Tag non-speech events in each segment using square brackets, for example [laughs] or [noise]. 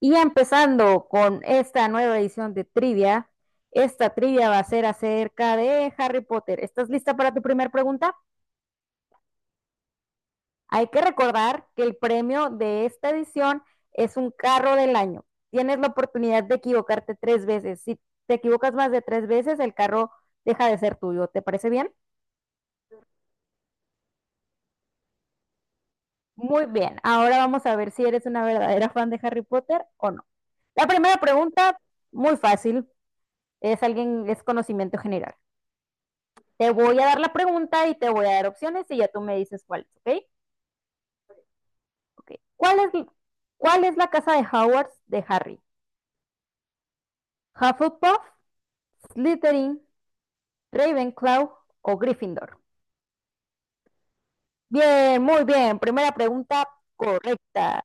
Y empezando con esta nueva edición de trivia, esta trivia va a ser acerca de Harry Potter. ¿Estás lista para tu primera pregunta? Hay que recordar que el premio de esta edición es un carro del año. Tienes la oportunidad de equivocarte tres veces. Si te equivocas más de tres veces, el carro deja de ser tuyo. ¿Te parece bien? Muy bien. Ahora vamos a ver si eres una verdadera fan de Harry Potter o no. La primera pregunta, muy fácil, es alguien, es conocimiento general. Te voy a dar la pregunta y te voy a dar opciones y ya tú me dices cuál, ¿ok? Okay. ¿Cuál es la casa de Hogwarts de Harry? ¿Hufflepuff, Slytherin, Ravenclaw o Gryffindor? Bien, muy bien. Primera pregunta correcta.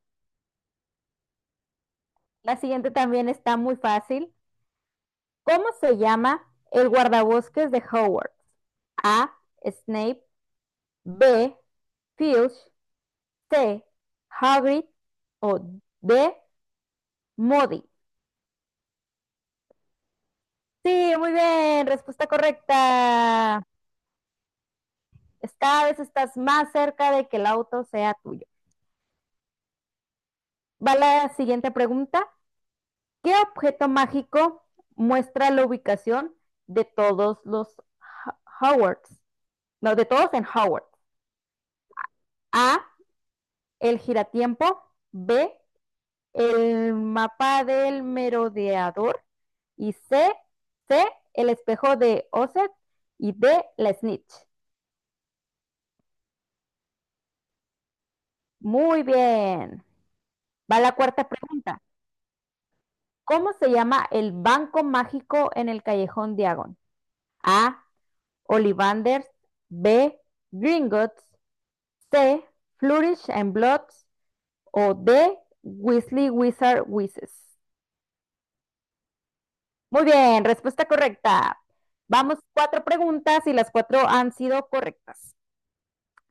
La siguiente también está muy fácil. ¿Cómo se llama el guardabosques de Hogwarts? A. Snape. B. Filch. C. Hagrid. O D. Moody. Sí, muy bien, respuesta correcta. Cada vez estás más cerca de que el auto sea tuyo. Va la siguiente pregunta. ¿Qué objeto mágico muestra la ubicación de todos los Howards? No, de todos en Howards. A, el giratiempo. B, el mapa del merodeador. Y C, el espejo de Osset. Y D, la snitch. Muy bien. Va la cuarta pregunta. ¿Cómo se llama el banco mágico en el Callejón Diagon? A. Ollivanders. B. Gringotts. C. Flourish and Bloods. O D. Weasley Wizard Wizards. Muy bien, respuesta correcta. Vamos cuatro preguntas y las cuatro han sido correctas.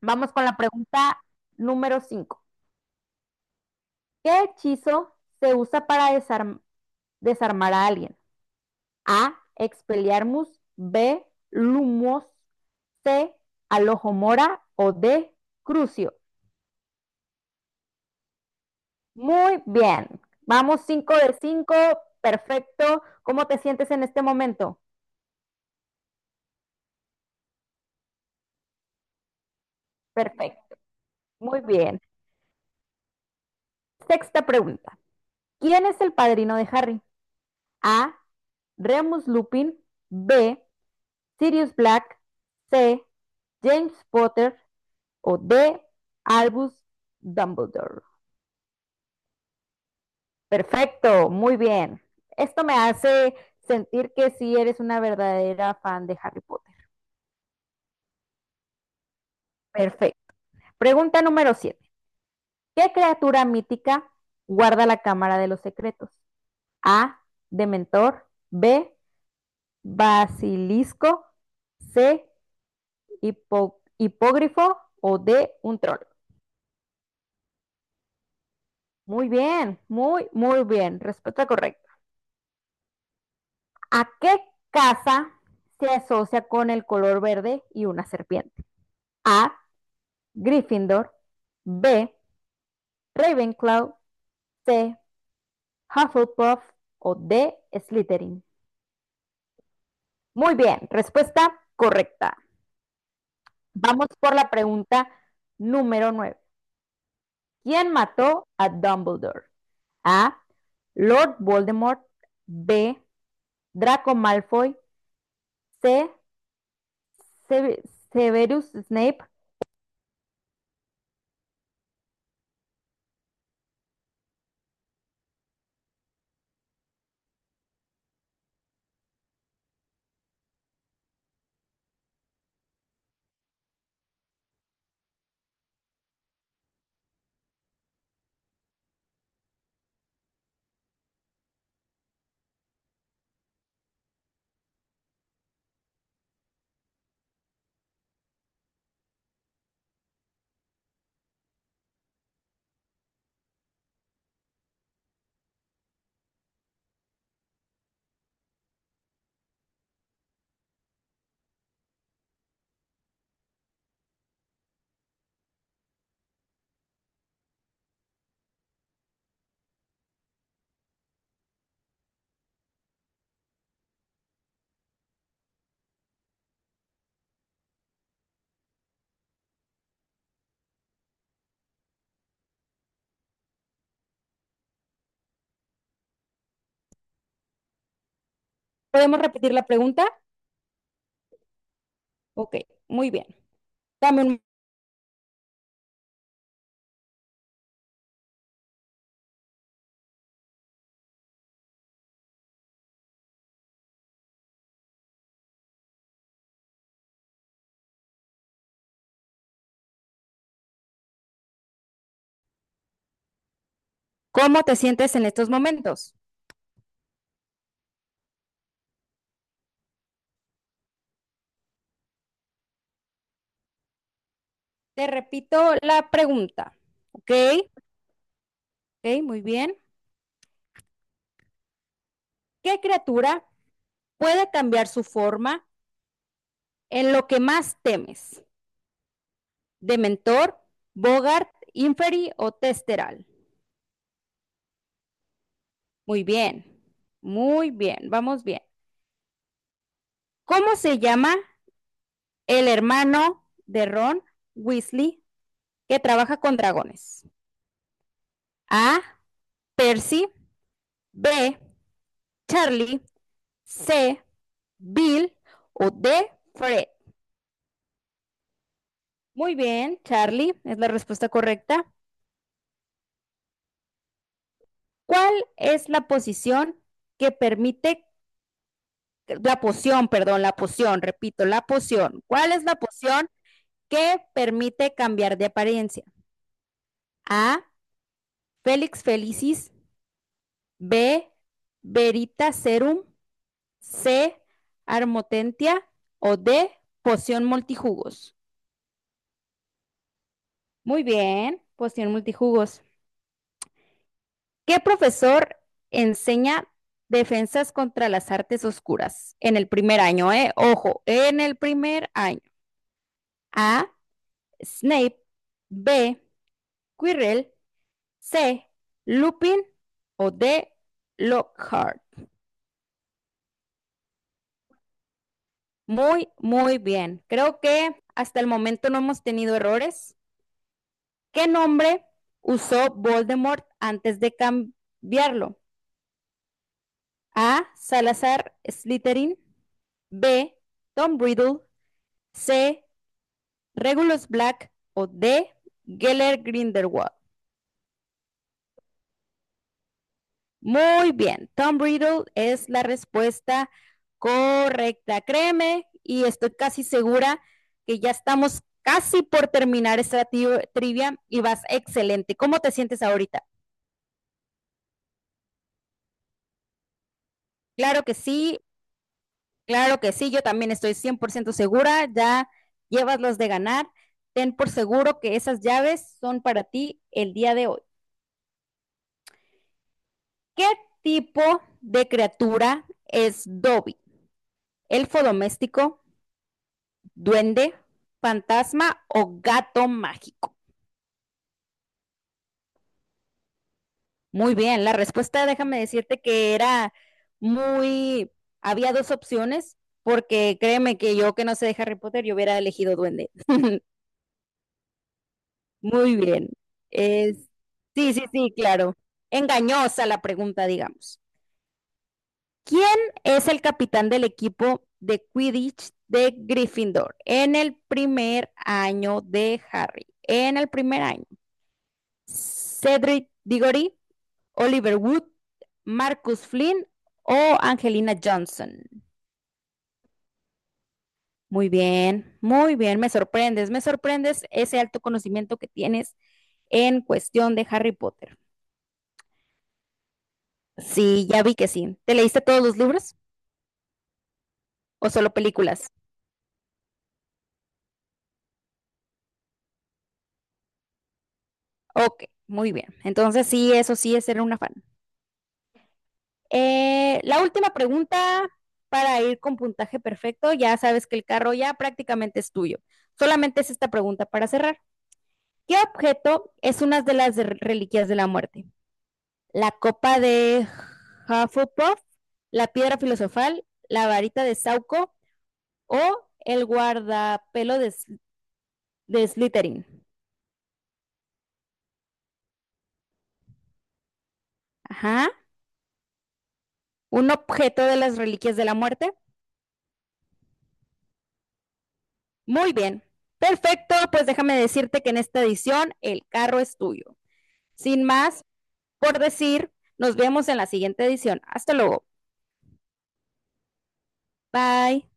Vamos con la pregunta número cinco. ¿Qué hechizo se usa para desarmar a alguien? A. Expelliarmus. B. Lumos. C. Alohomora. O D. Crucio. Muy bien. Vamos 5 de cinco. Perfecto. ¿Cómo te sientes en este momento? Perfecto. Muy bien. Sexta pregunta. ¿Quién es el padrino de Harry? A. Remus Lupin. B. Sirius Black. C. James Potter. O D. Albus Dumbledore. Perfecto, muy bien. Esto me hace sentir que sí eres una verdadera fan de Harry Potter. Perfecto. Pregunta número 7. ¿Qué criatura mítica guarda la Cámara de los Secretos? A. Dementor. B. Basilisco. C. Hipógrifo. O D. Un troll. Muy bien, muy, muy bien. Respuesta correcta. ¿A qué casa se asocia con el color verde y una serpiente? A, Gryffindor; B, Ravenclaw; C, Hufflepuff o D, Slytherin. Muy bien, respuesta correcta. Vamos por la pregunta número 9. ¿Quién mató a Dumbledore? A, Lord Voldemort; B, Draco Malfoy; C, Severus Snape. ¿Podemos repetir la pregunta? Ok, muy bien. Dame un- ¿Cómo te sientes en estos momentos? Te repito la pregunta, ¿ok? Ok, muy bien. ¿Qué criatura puede cambiar su forma en lo que más temes? ¿Dementor, Bogart, Inferi o Testeral? Muy bien, muy bien, vamos bien. ¿Cómo se llama el hermano de Ron Weasley que trabaja con dragones? A. Percy, B. Charlie, C. Bill o D. Fred. Muy bien, Charlie, es la respuesta correcta. ¿Cuál es la posición que permite, la poción, perdón, la poción, repito, la poción? ¿Cuál es la poción que permite cambiar de apariencia? A, Félix Felicis; B, Verita Serum; C, Armotentia o D, poción multijugos. Muy bien, poción multijugos. ¿Qué profesor enseña defensas contra las artes oscuras en el primer año, eh? Ojo, en el primer año. A. Snape. B. Quirrell. C. Lupin. O D. Lockhart. Muy, muy bien. Creo que hasta el momento no hemos tenido errores. ¿Qué nombre usó Voldemort antes de cambiarlo? A. Salazar Slytherin. B. Tom Riddle. C. Regulus Black. O D. Geller Grindelwald. Muy bien, Tom Riddle es la respuesta correcta, créeme, y estoy casi segura que ya estamos casi por terminar esta trivia y vas excelente. ¿Cómo te sientes ahorita? Claro que sí, claro que sí, yo también estoy 100% segura, ya llevas los de ganar. Ten por seguro que esas llaves son para ti el día de hoy. ¿Qué tipo de criatura es Dobby? ¿Elfo doméstico, duende, fantasma o gato mágico? Muy bien, la respuesta, déjame decirte que era muy. Había dos opciones, porque créeme que yo, que no sé de Harry Potter, yo hubiera elegido duende. [laughs] Muy bien. Es. Sí, sí, sí, claro. Engañosa la pregunta, digamos. ¿Quién es el capitán del equipo de Quidditch de Gryffindor en el primer año de Harry? En el primer año. Cedric Diggory, Oliver Wood, Marcus Flynn o Angelina Johnson. Muy bien, me sorprendes ese alto conocimiento que tienes en cuestión de Harry Potter. Sí, ya vi que sí. ¿Te leíste todos los libros o solo películas? Ok, muy bien. Entonces sí, eso sí es ser una fan. La última pregunta para ir con puntaje perfecto. Ya sabes que el carro ya prácticamente es tuyo. Solamente es esta pregunta para cerrar. ¿Qué objeto es una de las reliquias de la muerte? La copa de Hufflepuff, la piedra filosofal, la varita de Sauco o el guardapelo de Slytherin. Ajá. Un objeto de las reliquias de la muerte. Muy bien. Perfecto, pues déjame decirte que en esta edición el carro es tuyo. Sin más por decir, nos vemos en la siguiente edición. Hasta luego. Bye.